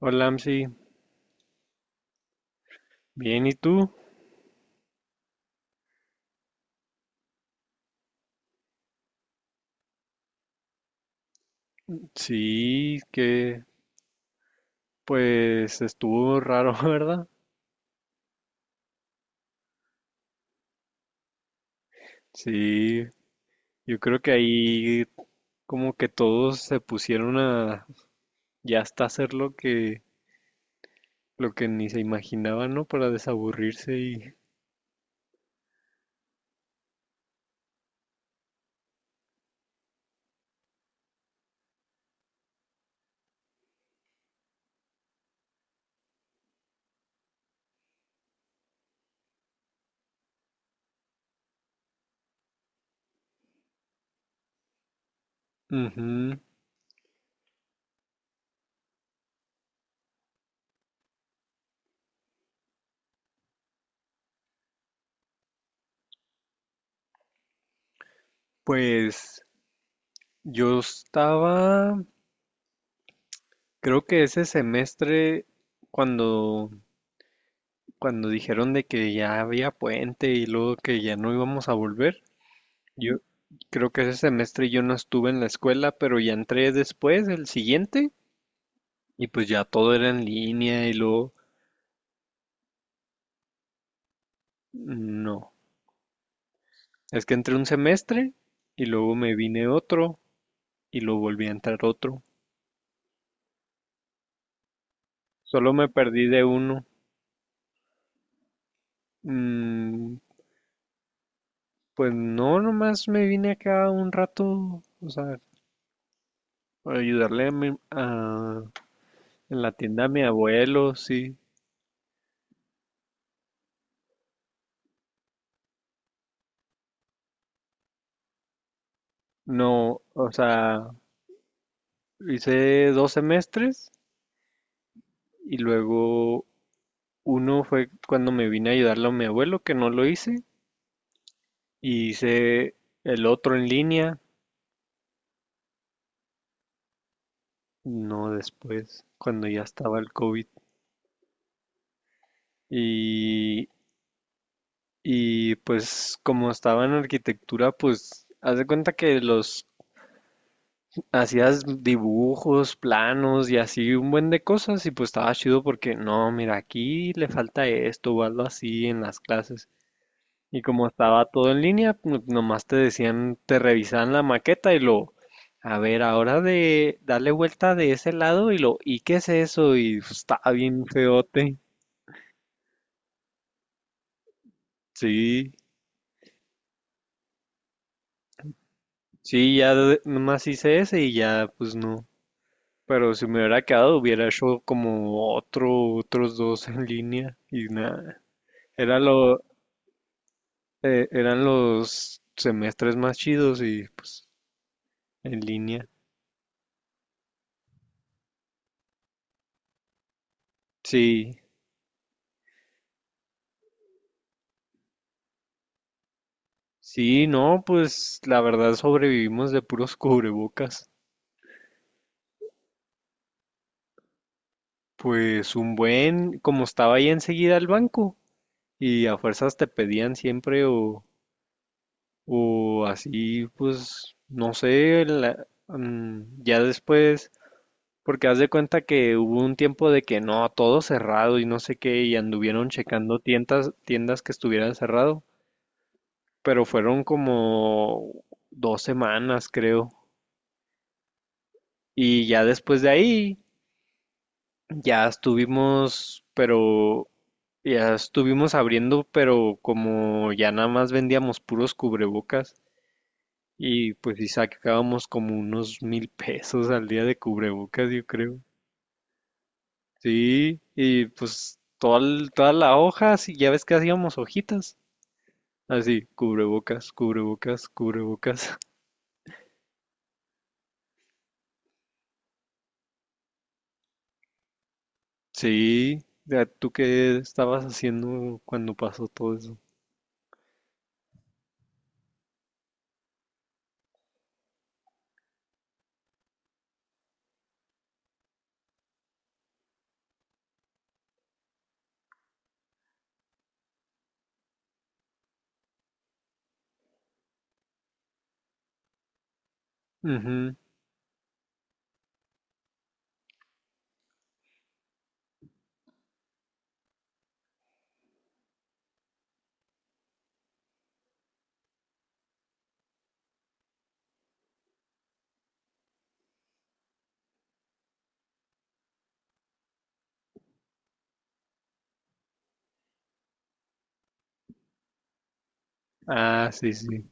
Hola, Amsi. Bien, ¿y tú? Sí, que pues estuvo raro, ¿verdad? Sí, yo creo que ahí como que todos se pusieron a ya hasta hacer lo que ni se imaginaban, ¿no? Para desaburrirse y. Ujú. Pues yo estaba, creo que ese semestre cuando cuando dijeron de que ya había puente y luego que ya no íbamos a volver. Yo creo que ese semestre yo no estuve en la escuela, pero ya entré después, el siguiente, y pues ya todo era en línea y luego, no, es que entré un semestre y luego me vine otro y luego volví a entrar otro. Solo me perdí de uno. Mm, pues no, nomás me vine acá un rato, o sea, para ayudarle a en la tienda a mi abuelo, sí. No, o sea, hice dos semestres y luego uno fue cuando me vine a ayudarle a mi abuelo, que no lo hice, y hice el otro en línea, no después, cuando ya estaba el COVID. Y, y pues como estaba en arquitectura, pues haz de cuenta que los hacías dibujos, planos y así un buen de cosas y pues estaba chido porque no, mira, aquí le falta esto o algo así en las clases. Y como estaba todo en línea, nomás te decían, te revisaban la maqueta y lo, a ver, ahora de darle vuelta de ese lado y lo, ¿y qué es eso? Y pues, estaba bien feote. Sí, sí, nomás hice ese y ya, pues no. Pero si me hubiera quedado, hubiera hecho como otros dos en línea y nada. Era lo, eran los semestres más chidos y pues en línea. Sí. Sí, no, pues la verdad sobrevivimos de puros cubrebocas. Pues un buen, como estaba ahí enseguida el banco y a fuerzas te pedían siempre o así, pues no sé, ya después, porque haz de cuenta que hubo un tiempo de que no, todo cerrado y no sé qué y anduvieron checando tiendas, tiendas que estuvieran cerrado, pero fueron como 2 semanas creo y ya después de ahí. Ya estuvimos, pero ya estuvimos abriendo, pero como ya nada más vendíamos puros cubrebocas y pues sí sacábamos como unos 1,000 pesos al día de cubrebocas, yo creo. Sí, y pues toda la hoja, sí, ya ves que hacíamos hojitas. Así, cubrebocas, cubrebocas, cubrebocas. Sí, ya, ¿tú qué estabas haciendo cuando pasó todo eso? Ujú. Ah, sí, sí.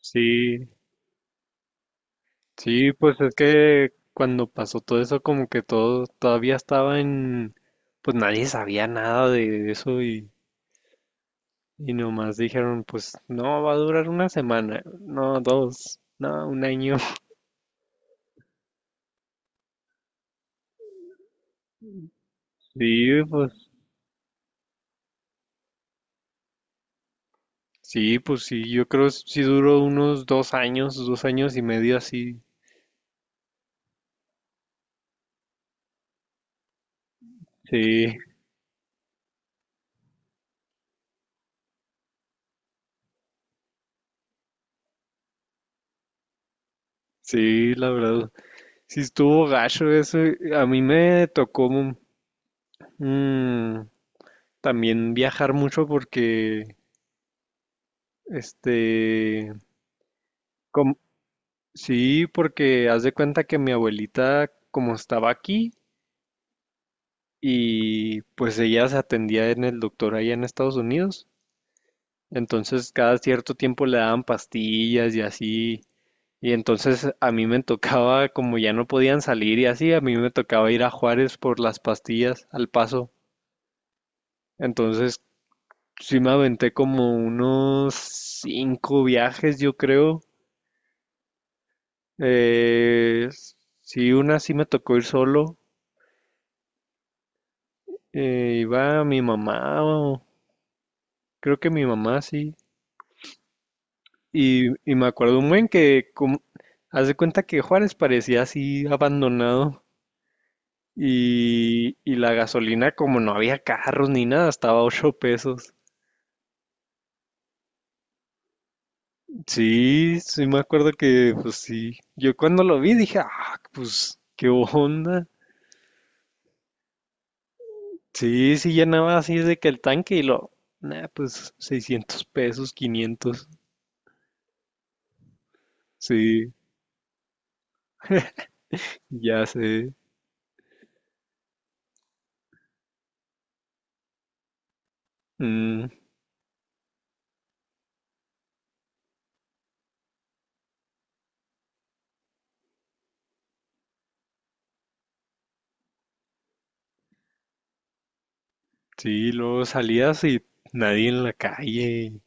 Sí, Sí, pues es que cuando pasó todo eso, como que todo todavía estaba en, pues nadie sabía nada de eso y nomás dijeron, pues no, va a durar una semana, no, dos, no, un año. Sí, pues sí, yo creo sí duró unos 2 años, 2 años y medio así. Sí, sí, la verdad, sí estuvo gacho eso. A mí me tocó mm, también viajar mucho porque, este... Como- sí, porque haz de cuenta que mi abuelita, como estaba aquí, y pues ella se atendía en el doctor allá en Estados Unidos, entonces cada cierto tiempo le daban pastillas y así, y entonces a mí me tocaba, como ya no podían salir y así, a mí me tocaba ir a Juárez por las pastillas al paso, entonces sí me aventé como unos cinco viajes, yo creo, eh, sí, una sí me tocó ir solo. Iba mi mamá, creo que mi mamá sí. Y me acuerdo un buen que, como, haz de cuenta que Juárez parecía así abandonado. Y la gasolina, como no había carros ni nada, estaba a 8 pesos. Sí, sí me acuerdo que, pues sí. Yo cuando lo vi dije, ah, pues, qué onda. Sí, sí llenaba así de que el tanque y lo, nah, pues 600 pesos, 500. Sí, ya sé. Mm. Sí, luego salías y nadie en la calle.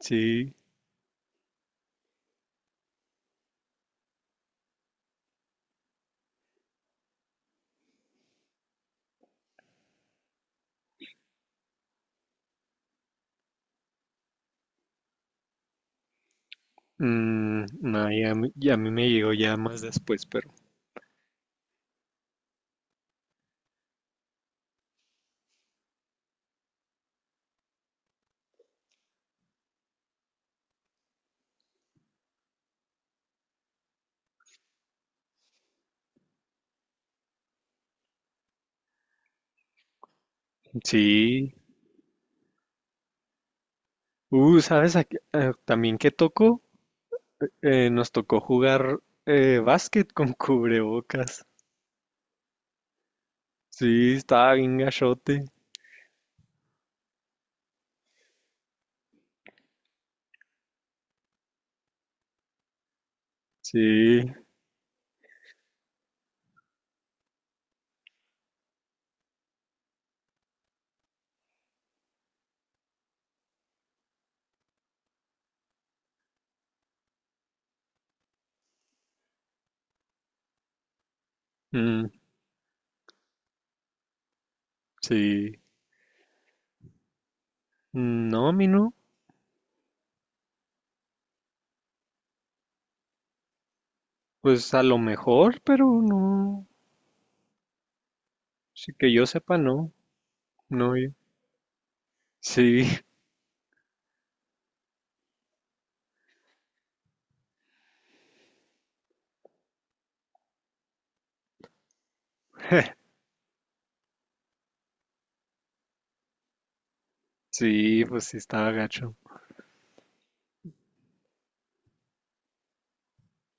Sí. Mm, no, ya, ya a mí me llegó ya más después, pero sí. ¿Sabes? También qué tocó. Nos tocó jugar básquet con cubrebocas. Sí, estaba bien gachote. Sí, mm, sí. Mm, no, a mí no. Pues a lo mejor, pero no. Sí, que yo sepa, no. No, sí, sí, pues sí estaba gacho.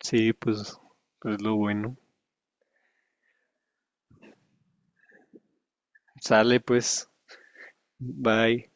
Sí, pues es lo bueno. Sale pues, bye.